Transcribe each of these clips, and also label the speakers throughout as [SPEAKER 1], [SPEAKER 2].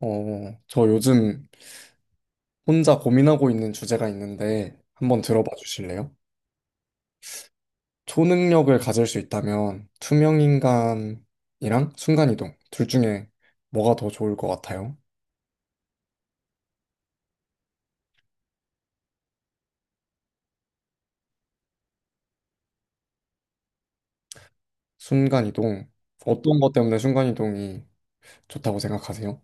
[SPEAKER 1] 저 요즘 혼자 고민하고 있는 주제가 있는데 한번 들어봐 주실래요? 초능력을 가질 수 있다면 투명인간이랑 순간이동 둘 중에 뭐가 더 좋을 것 같아요? 순간이동. 어떤 것 때문에 순간이동이 좋다고 생각하세요?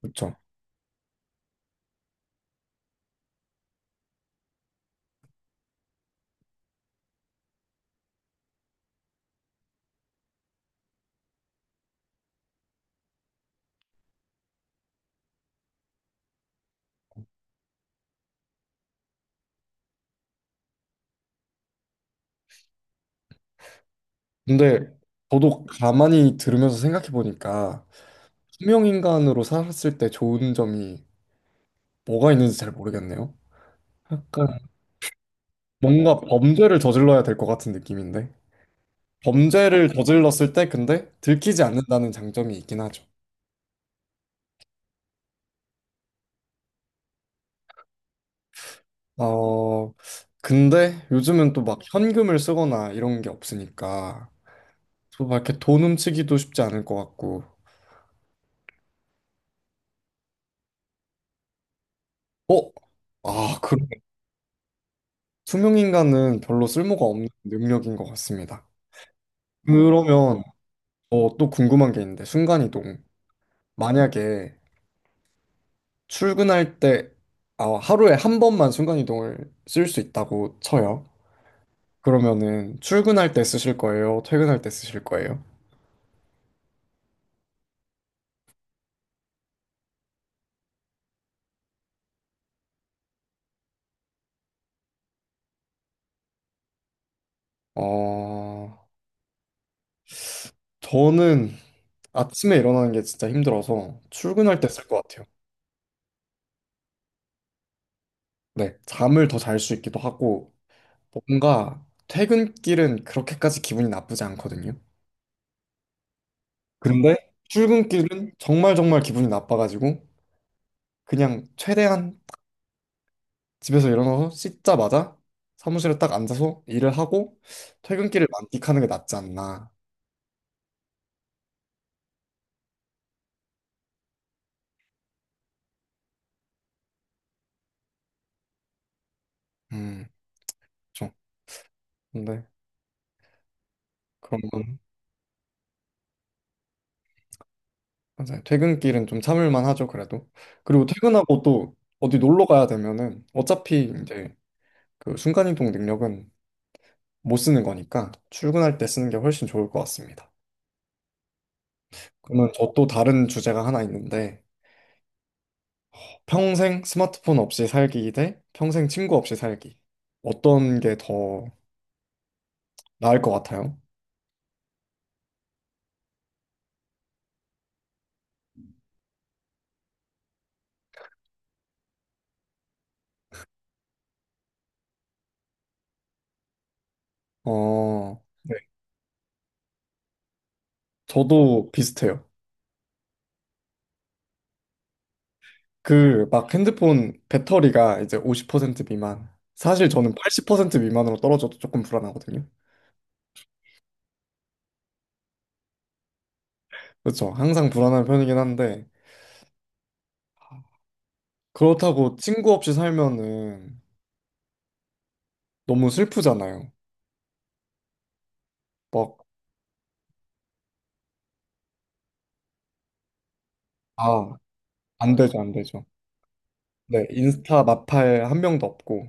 [SPEAKER 1] 그렇죠. 근데 저도 가만히 들으면서 생각해 보니까 투명인간으로 살았을 때 좋은 점이 뭐가 있는지 잘 모르겠네요. 약간 뭔가 범죄를 저질러야 될 것 같은 느낌인데. 범죄를 저질렀을 때 근데 들키지 않는다는 장점이 있긴 하죠. 어, 근데 요즘은 또 막 현금을 쓰거나 이런 게 없으니까 또 막 이렇게 돈 훔치기도 쉽지 않을 것 같고. 어? 아, 그러네. 투명인간은 별로 쓸모가 없는 능력인 것 같습니다. 그러면 또 궁금한 게 있는데 순간이동. 만약에 출근할 때 아, 하루에 한 번만 순간이동을 쓸 수 있다고 쳐요. 그러면은 출근할 때 쓰실 거예요? 퇴근할 때 쓰실 거예요? 어, 저는 아침에 일어나는 게 진짜 힘들어서 출근할 때 쓸 것 같아요. 네, 잠을 더 잘 수 있기도 하고 뭔가 퇴근길은 그렇게까지 기분이 나쁘지 않거든요. 그런데 출근길은 정말 정말 기분이 나빠가지고 그냥 최대한 집에서 일어나서 씻자마자 사무실에 딱 앉아서 일을 하고 퇴근길을 만끽하는 게 낫지 않나. 음, 그렇죠. 근데 그런 건 맞아요. 퇴근길은 좀 참을만 하죠, 그래도. 그리고 퇴근하고 또 어디 놀러 가야 되면은 어차피 이제 그 순간이동 능력은 못 쓰는 거니까 출근할 때 쓰는 게 훨씬 좋을 것 같습니다. 그러면 저 또 다른 주제가 하나 있는데 평생 스마트폰 없이 살기 대 평생 친구 없이 살기. 어떤 게 더 나을 것 같아요? 어, 네. 저도 비슷해요. 그 막 핸드폰 배터리가 이제 50% 미만. 사실 저는 80% 미만으로 떨어져도 조금 불안하거든요. 그렇죠. 항상 불안한 편이긴 한데 그렇다고 친구 없이 살면은 너무 슬프잖아요. 막, 아, 안 되죠, 안 되죠. 네, 인스타 마팔 한 명도 없고.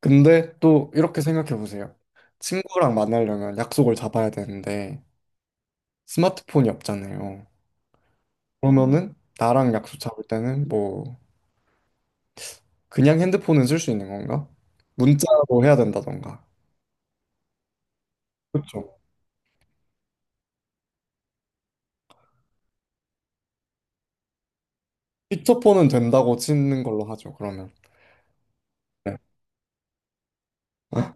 [SPEAKER 1] 근데 또 이렇게 생각해 보세요. 친구랑 만나려면 약속을 잡아야 되는데 스마트폰이 없잖아요. 그러면은 나랑 약속 잡을 때는 뭐 그냥 핸드폰은 쓸 수 있는 건가? 문자로 해야 된다던가. 그렇죠. 피처폰은 된다고 치는 걸로 하죠, 그러면. 네.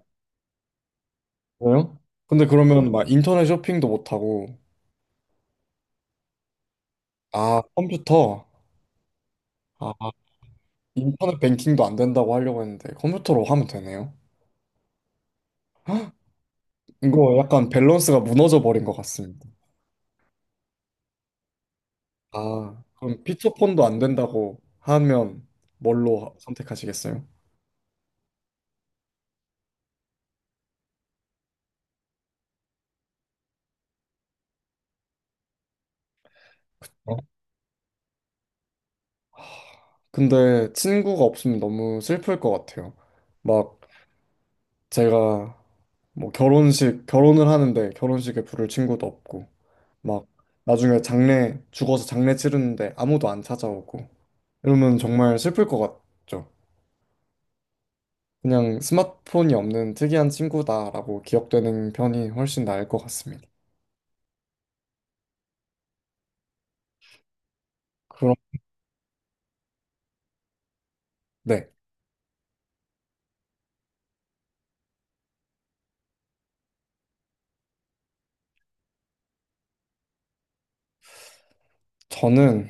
[SPEAKER 1] 그래요? 근데 그러면 막 인터넷 쇼핑도 못하고, 아, 컴퓨터. 아, 인터넷 뱅킹도 안 된다고 하려고 했는데, 컴퓨터로 하면 되네요. 헉, 이거 약간 밸런스가 무너져 버린 것 같습니다. 아, 그럼 피처폰도 안 된다고 하면 뭘로 선택하시겠어요? 어? 근데 친구가 없으면 너무 슬플 것 같아요. 막 제가 뭐 결혼식 결혼을 하는데 결혼식에 부를 친구도 없고 막 나중에 장례 죽어서 장례 치르는데 아무도 안 찾아오고 이러면 정말 슬플 것 같죠. 그냥 스마트폰이 없는 특이한 친구다라고 기억되는 편이 훨씬 나을 것 같습니다. 그럼 네, 저는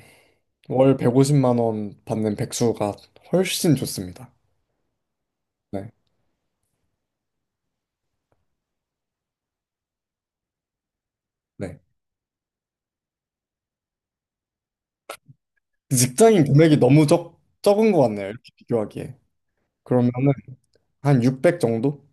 [SPEAKER 1] 월 150만 원 받는 백수가 훨씬 좋습니다. 네, 네. 직장인 금액이 너무 적 적은 것 같네요. 이렇게 비교하기에. 그러면은 한 600 정도?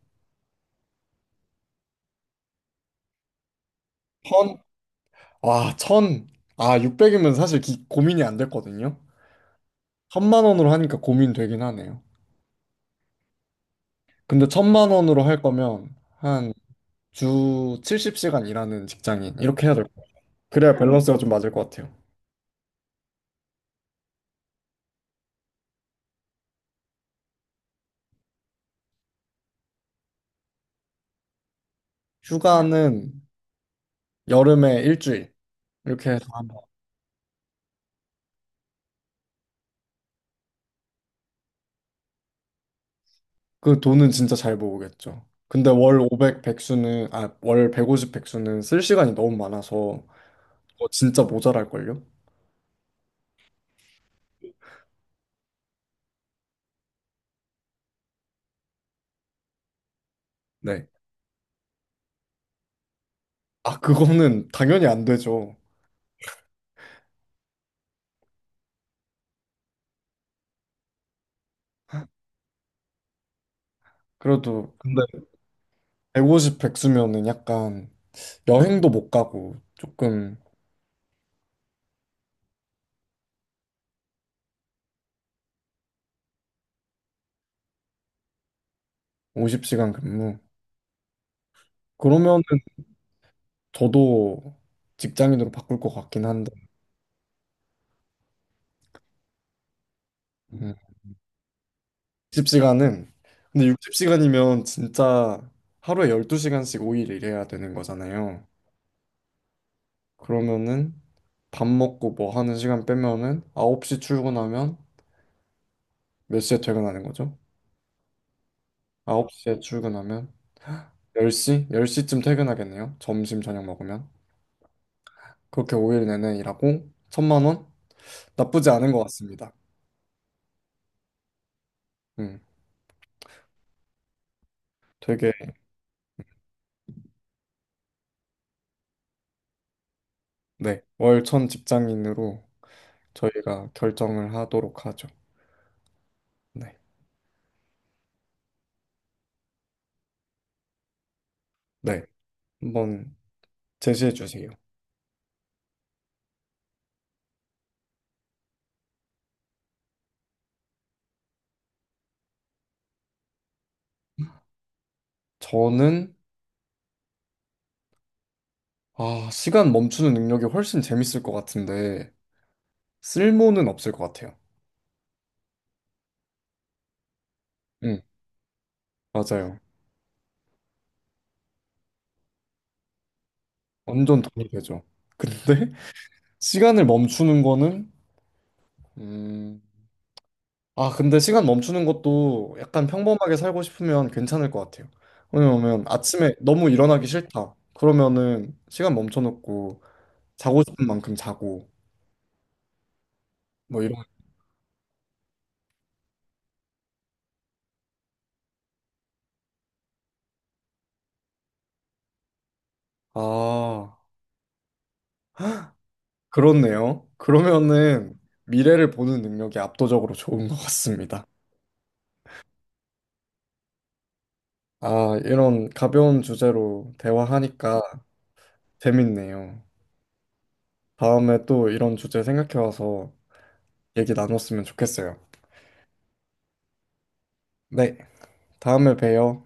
[SPEAKER 1] 와, 천. 아, 600이면 사실 고민이 안 됐거든요. 천만 원으로 하니까 고민되긴 하네요. 근데 천만 원으로 할 거면 한 주 70시간 일하는 직장인 이렇게 해야 될 것 같아요. 그래야 밸런스가 좀 맞을 것 같아요. 휴가는 여름에 일주일 이렇게 해서 한번. 그 돈은 진짜 잘 모으겠죠. 근데 월 500 백수는 아, 월 150 백수는 쓸 시간이 너무 많아서 그거 진짜 모자랄걸요? 네. 아, 그거는 당연히 안 되죠. 그래도 150 백수면은 약간 여행도 못 가고 조금 50시간 근무. 그러면은 저도 직장인으로 바꿀 것 같긴 한데. 음. 60시간은 근데 60시간이면 진짜 하루에 12시간씩 5일 일해야 되는 거잖아요. 그러면은 밥 먹고 뭐 하는 시간 빼면은 9시 출근하면 몇 시에 퇴근하는 거죠? 9시에 출근하면 10시? 10시쯤 퇴근하겠네요. 점심 저녁 먹으면. 그렇게 5일 내내 일하고 천만 원? 나쁘지 않은 것 같습니다. 음, 되게 네, 월천 직장인으로 저희가 결정을 하도록 하죠. 네, 네, 한번 제시해 주세요. 저는 아, 시간 멈추는 능력이 훨씬 재밌을 것 같은데 쓸모는 없을 것 같아요. 음, 맞아요. 완전 돈이 되죠. 근데 시간을 멈추는 거는 음, 근데 시간 멈추는 것도 약간 평범하게 살고 싶으면 괜찮을 것 같아요. 왜냐면 아침에 너무 일어나기 싫다. 그러면은 시간 멈춰놓고 자고 싶은 만큼 자고 뭐 이런. 아, 그렇네요. 그러면은 미래를 보는 능력이 압도적으로 좋은 것 같습니다. 아, 이런 가벼운 주제로 대화하니까 재밌네요. 다음에 또 이런 주제 생각해와서 얘기 나눴으면 좋겠어요. 네, 다음에 봬요.